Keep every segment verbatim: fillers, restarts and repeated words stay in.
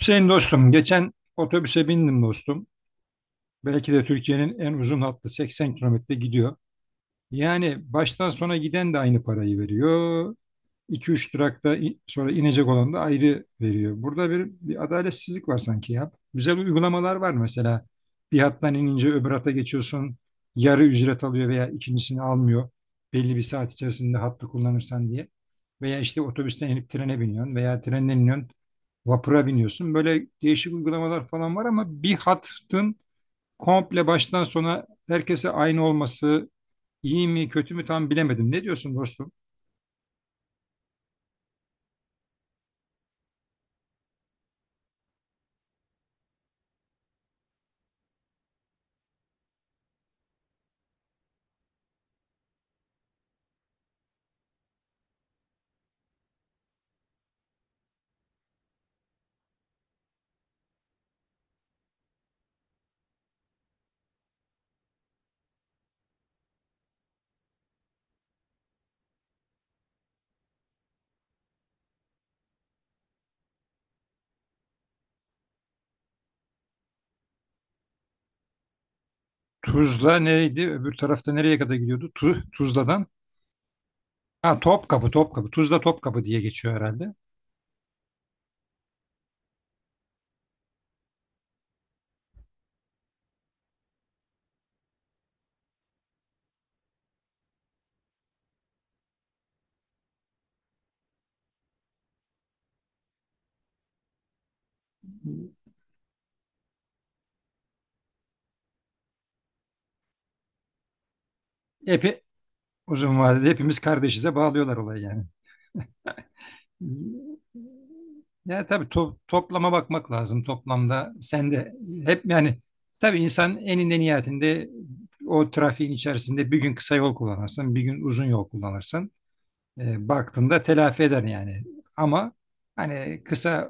Hüseyin dostum, geçen otobüse bindim dostum. Belki de Türkiye'nin en uzun hattı seksen kilometre gidiyor. Yani baştan sona giden de aynı parayı veriyor. iki üç durakta i- sonra inecek olan da ayrı veriyor. Burada bir, bir adaletsizlik var sanki ya. Güzel uygulamalar var mesela. Bir hattan inince öbür hata geçiyorsun. Yarı ücret alıyor veya ikincisini almıyor. Belli bir saat içerisinde hattı kullanırsan diye. Veya işte otobüsten inip trene biniyorsun veya trenden iniyorsun. Vapura biniyorsun. Böyle değişik uygulamalar falan var ama bir hattın komple baştan sona herkese aynı olması iyi mi kötü mü tam bilemedim. Ne diyorsun dostum? Tuzla neydi? Öbür tarafta nereye kadar gidiyordu? Tu Tuzla'dan. Ha Topkapı, Topkapı. Tuzla Topkapı diye geçiyor herhalde. Epi uzun vadede hepimiz kardeşize bağlıyorlar olayı yani. Ya tabii to- toplama bakmak lazım toplamda. Sen de hep yani tabii insan eninde niyetinde o trafiğin içerisinde bir gün kısa yol kullanırsın, bir gün uzun yol kullanırsın. E, baktığında telafi eder yani. Ama hani kısa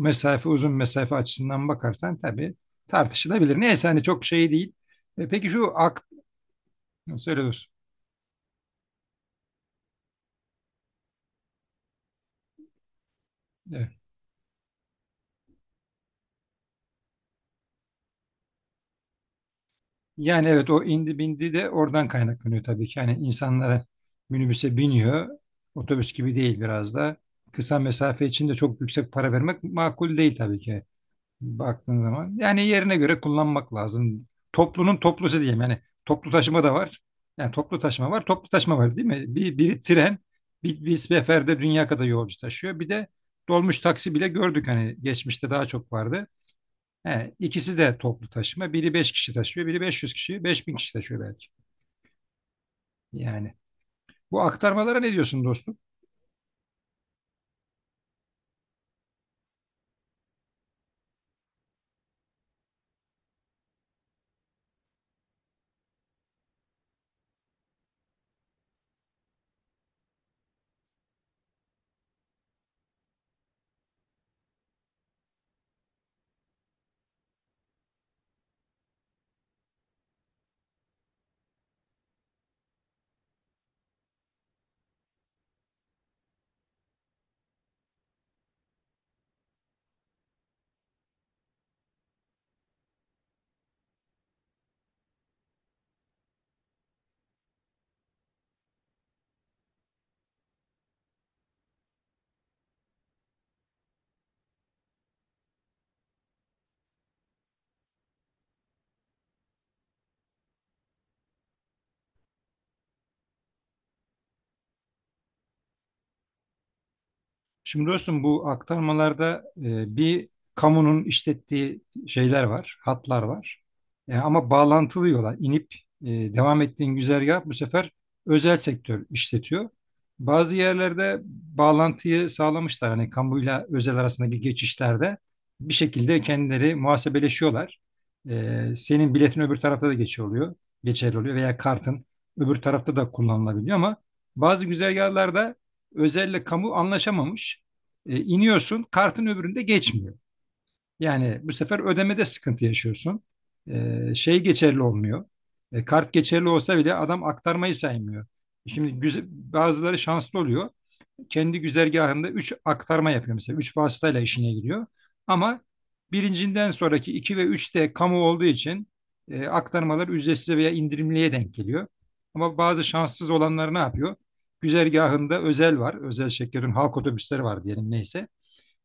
mesafe, uzun mesafe açısından bakarsan tabii tartışılabilir. Neyse hani çok şey değil. E, peki şu ak söyle dostum. Evet. Yani evet o indi bindi de oradan kaynaklanıyor tabii ki. Yani insanlara minibüse biniyor. Otobüs gibi değil biraz da. Kısa mesafe için de çok yüksek para vermek makul değil tabii ki baktığın zaman. Yani yerine göre kullanmak lazım. Toplunun toplusu diyeyim. Yani toplu taşıma da var. Yani toplu taşıma var, toplu taşıma var değil mi? Bir, biri tren, bir, bir seferde dünya kadar yolcu taşıyor. Bir de dolmuş taksi bile gördük hani geçmişte daha çok vardı. He, ikisi de toplu taşıma. Biri beş kişi taşıyor, biri beş yüz kişi, beş bin kişi taşıyor belki. Yani bu aktarmalara ne diyorsun dostum? Şimdi dostum bu aktarmalarda e, bir kamunun işlettiği şeyler var, hatlar var. E, ama bağlantılı yola inip e, devam ettiğin güzergah bu sefer özel sektör işletiyor. Bazı yerlerde bağlantıyı sağlamışlar. Hani kamuyla özel arasındaki geçişlerde bir şekilde kendileri muhasebeleşiyorlar. E, senin biletin öbür tarafta da geçiyor oluyor, geçerli oluyor veya kartın öbür tarafta da kullanılabiliyor ama bazı güzergahlarda özelle kamu anlaşamamış. E, iniyorsun kartın öbüründe geçmiyor. Yani bu sefer ödemede sıkıntı yaşıyorsun. E, şey geçerli olmuyor. E, kart geçerli olsa bile adam aktarmayı saymıyor. E, şimdi güzel, bazıları şanslı oluyor kendi güzergahında üç aktarma yapıyor mesela. üç vasıtayla işine gidiyor. Ama birincinden sonraki iki ve üç de kamu olduğu için e, aktarmalar ücretsiz veya indirimliye denk geliyor. Ama bazı şanssız olanlar ne yapıyor? Güzergahında özel var. Özel şirketlerin halk otobüsleri var diyelim neyse.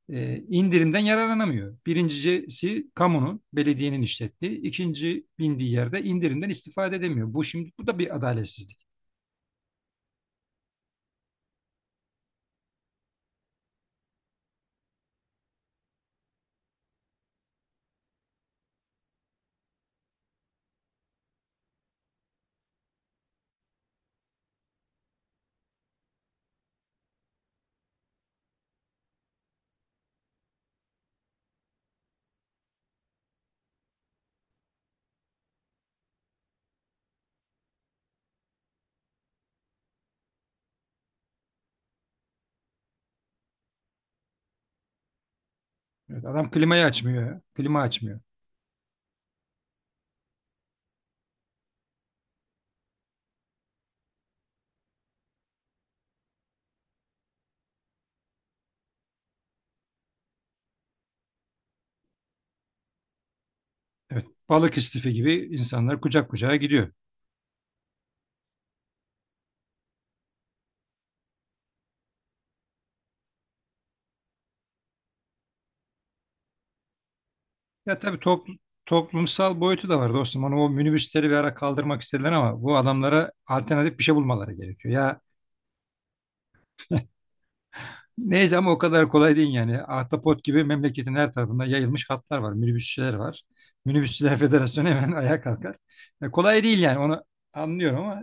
E, indirimden yararlanamıyor. Birincisi kamunun, belediyenin işlettiği. İkinci bindiği yerde indirimden istifade edemiyor. Bu şimdi bu da bir adaletsizlik. Evet, adam klimayı açmıyor. Klima açmıyor. Evet, balık istifi gibi insanlar kucak kucağa gidiyor. Ya tabii toplu- toplumsal boyutu da var dostum. Onu o minibüsleri bir ara kaldırmak istediler ama bu adamlara alternatif bir şey bulmaları gerekiyor. Ya neyse ama o kadar kolay değil yani. Ahtapot gibi memleketin her tarafında yayılmış hatlar var, minibüsçüler var. Minibüsçüler Federasyonu hemen ayağa kalkar. Ya kolay değil yani onu anlıyorum ama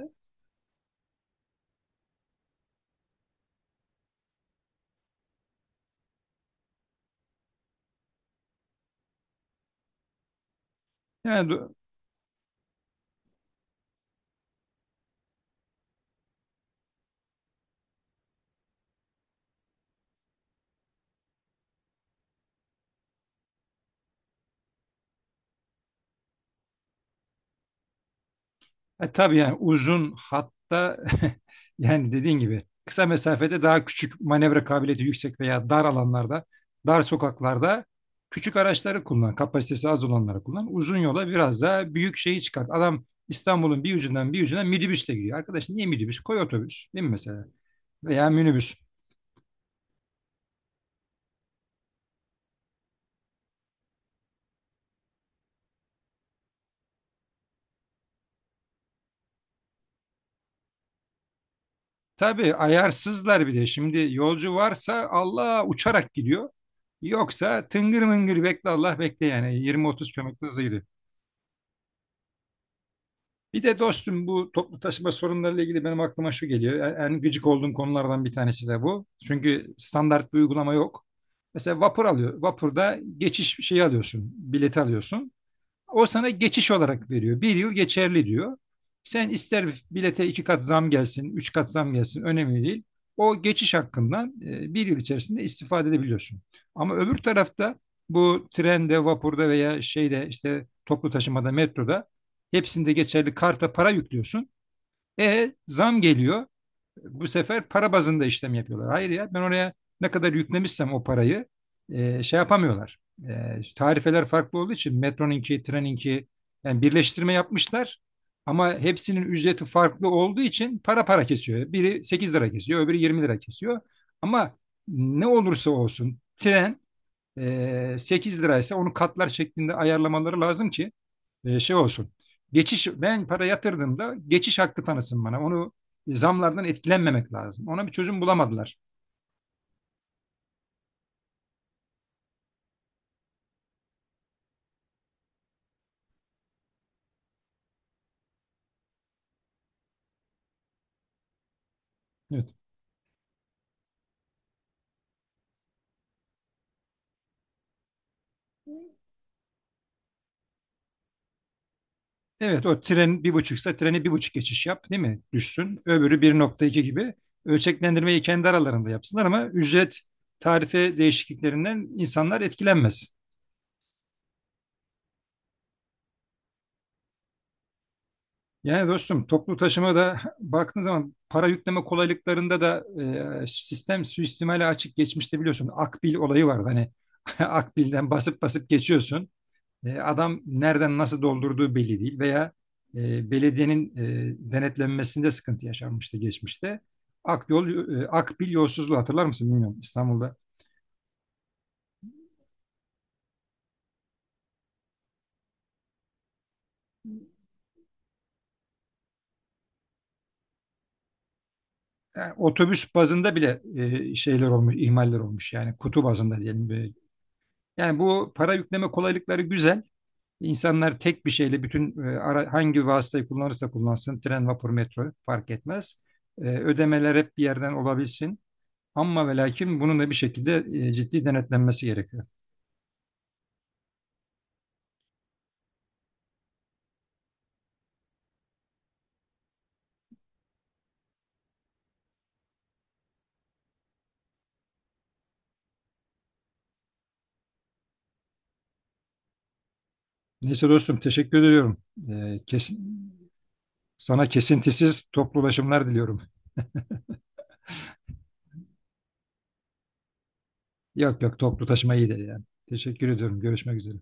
yani E, tabii yani uzun hatta yani dediğin gibi kısa mesafede daha küçük manevra kabiliyeti yüksek veya dar alanlarda, dar sokaklarda küçük araçları kullan, kapasitesi az olanları kullan. Uzun yola biraz daha büyük şeyi çıkart. Adam İstanbul'un bir ucundan bir ucuna minibüsle gidiyor. Arkadaş niye minibüs? Koy otobüs değil mi mesela? Veya minibüs. Tabii ayarsızlar bir de. Şimdi yolcu varsa Allah uçarak gidiyor. Yoksa tıngır mıngır bekle Allah bekle yani yirmi otuz kilometre hızıyla. Bir de dostum bu toplu taşıma sorunlarıyla ilgili benim aklıma şu geliyor. En, en gıcık olduğum konulardan bir tanesi de bu. Çünkü standart bir uygulama yok. Mesela vapur alıyor. Vapurda geçiş şeyi alıyorsun, bileti alıyorsun. O sana geçiş olarak veriyor. Bir yıl geçerli diyor. Sen ister bilete iki kat zam gelsin, üç kat zam gelsin önemli değil. O geçiş hakkından e, bir yıl içerisinde istifade edebiliyorsun. Ama öbür tarafta bu trende, vapurda veya şeyde işte toplu taşımada, metroda hepsinde geçerli karta para yüklüyorsun. E zam geliyor. Bu sefer para bazında işlem yapıyorlar. Hayır ya ben oraya ne kadar yüklemişsem o parayı e, şey yapamıyorlar. E, tarifeler farklı olduğu için metronunki, treninki yani birleştirme yapmışlar. Ama hepsinin ücreti farklı olduğu için para para kesiyor. Biri sekiz lira kesiyor, öbürü yirmi lira kesiyor. Ama ne olursa olsun tren e, sekiz liraysa onu katlar şeklinde ayarlamaları lazım ki e, şey olsun. Geçiş ben para yatırdığımda geçiş hakkı tanısın bana. Onu e, zamlardan etkilenmemek lazım. Ona bir çözüm bulamadılar. Evet. Evet o tren bir buçuksa treni bir buçuk geçiş yap değil mi? Düşsün. Öbürü bir nokta iki gibi ölçeklendirmeyi kendi aralarında yapsınlar ama ücret tarife değişikliklerinden insanlar etkilenmesin. Yani dostum toplu taşıma da baktığın zaman para yükleme kolaylıklarında da e, sistem suistimale açık geçmişte biliyorsun. Akbil olayı var. Hani Akbil'den basıp basıp geçiyorsun. E, adam nereden nasıl doldurduğu belli değil veya e, belediyenin e, denetlenmesinde sıkıntı yaşanmıştı geçmişte. Akyol, e, Akbil yolsuzluğu hatırlar mısın bilmiyorum İstanbul'da. E, otobüs bazında bile e, şeyler olmuş, ihmaller olmuş yani kutu bazında diyelim. Böyle. Yani bu para yükleme kolaylıkları güzel. İnsanlar tek bir şeyle bütün e, ara, hangi vasıtayı kullanırsa kullansın, tren, vapur, metro fark etmez. E, ödemeler hep bir yerden olabilsin. Ama ve lakin bunun da bir şekilde e, ciddi denetlenmesi gerekiyor. Neyse dostum teşekkür ediyorum. Ee, kesin, Sana kesintisiz toplu ulaşımlar diliyorum. Yok yok toplu taşıma iyidir yani. Teşekkür ediyorum. Görüşmek üzere.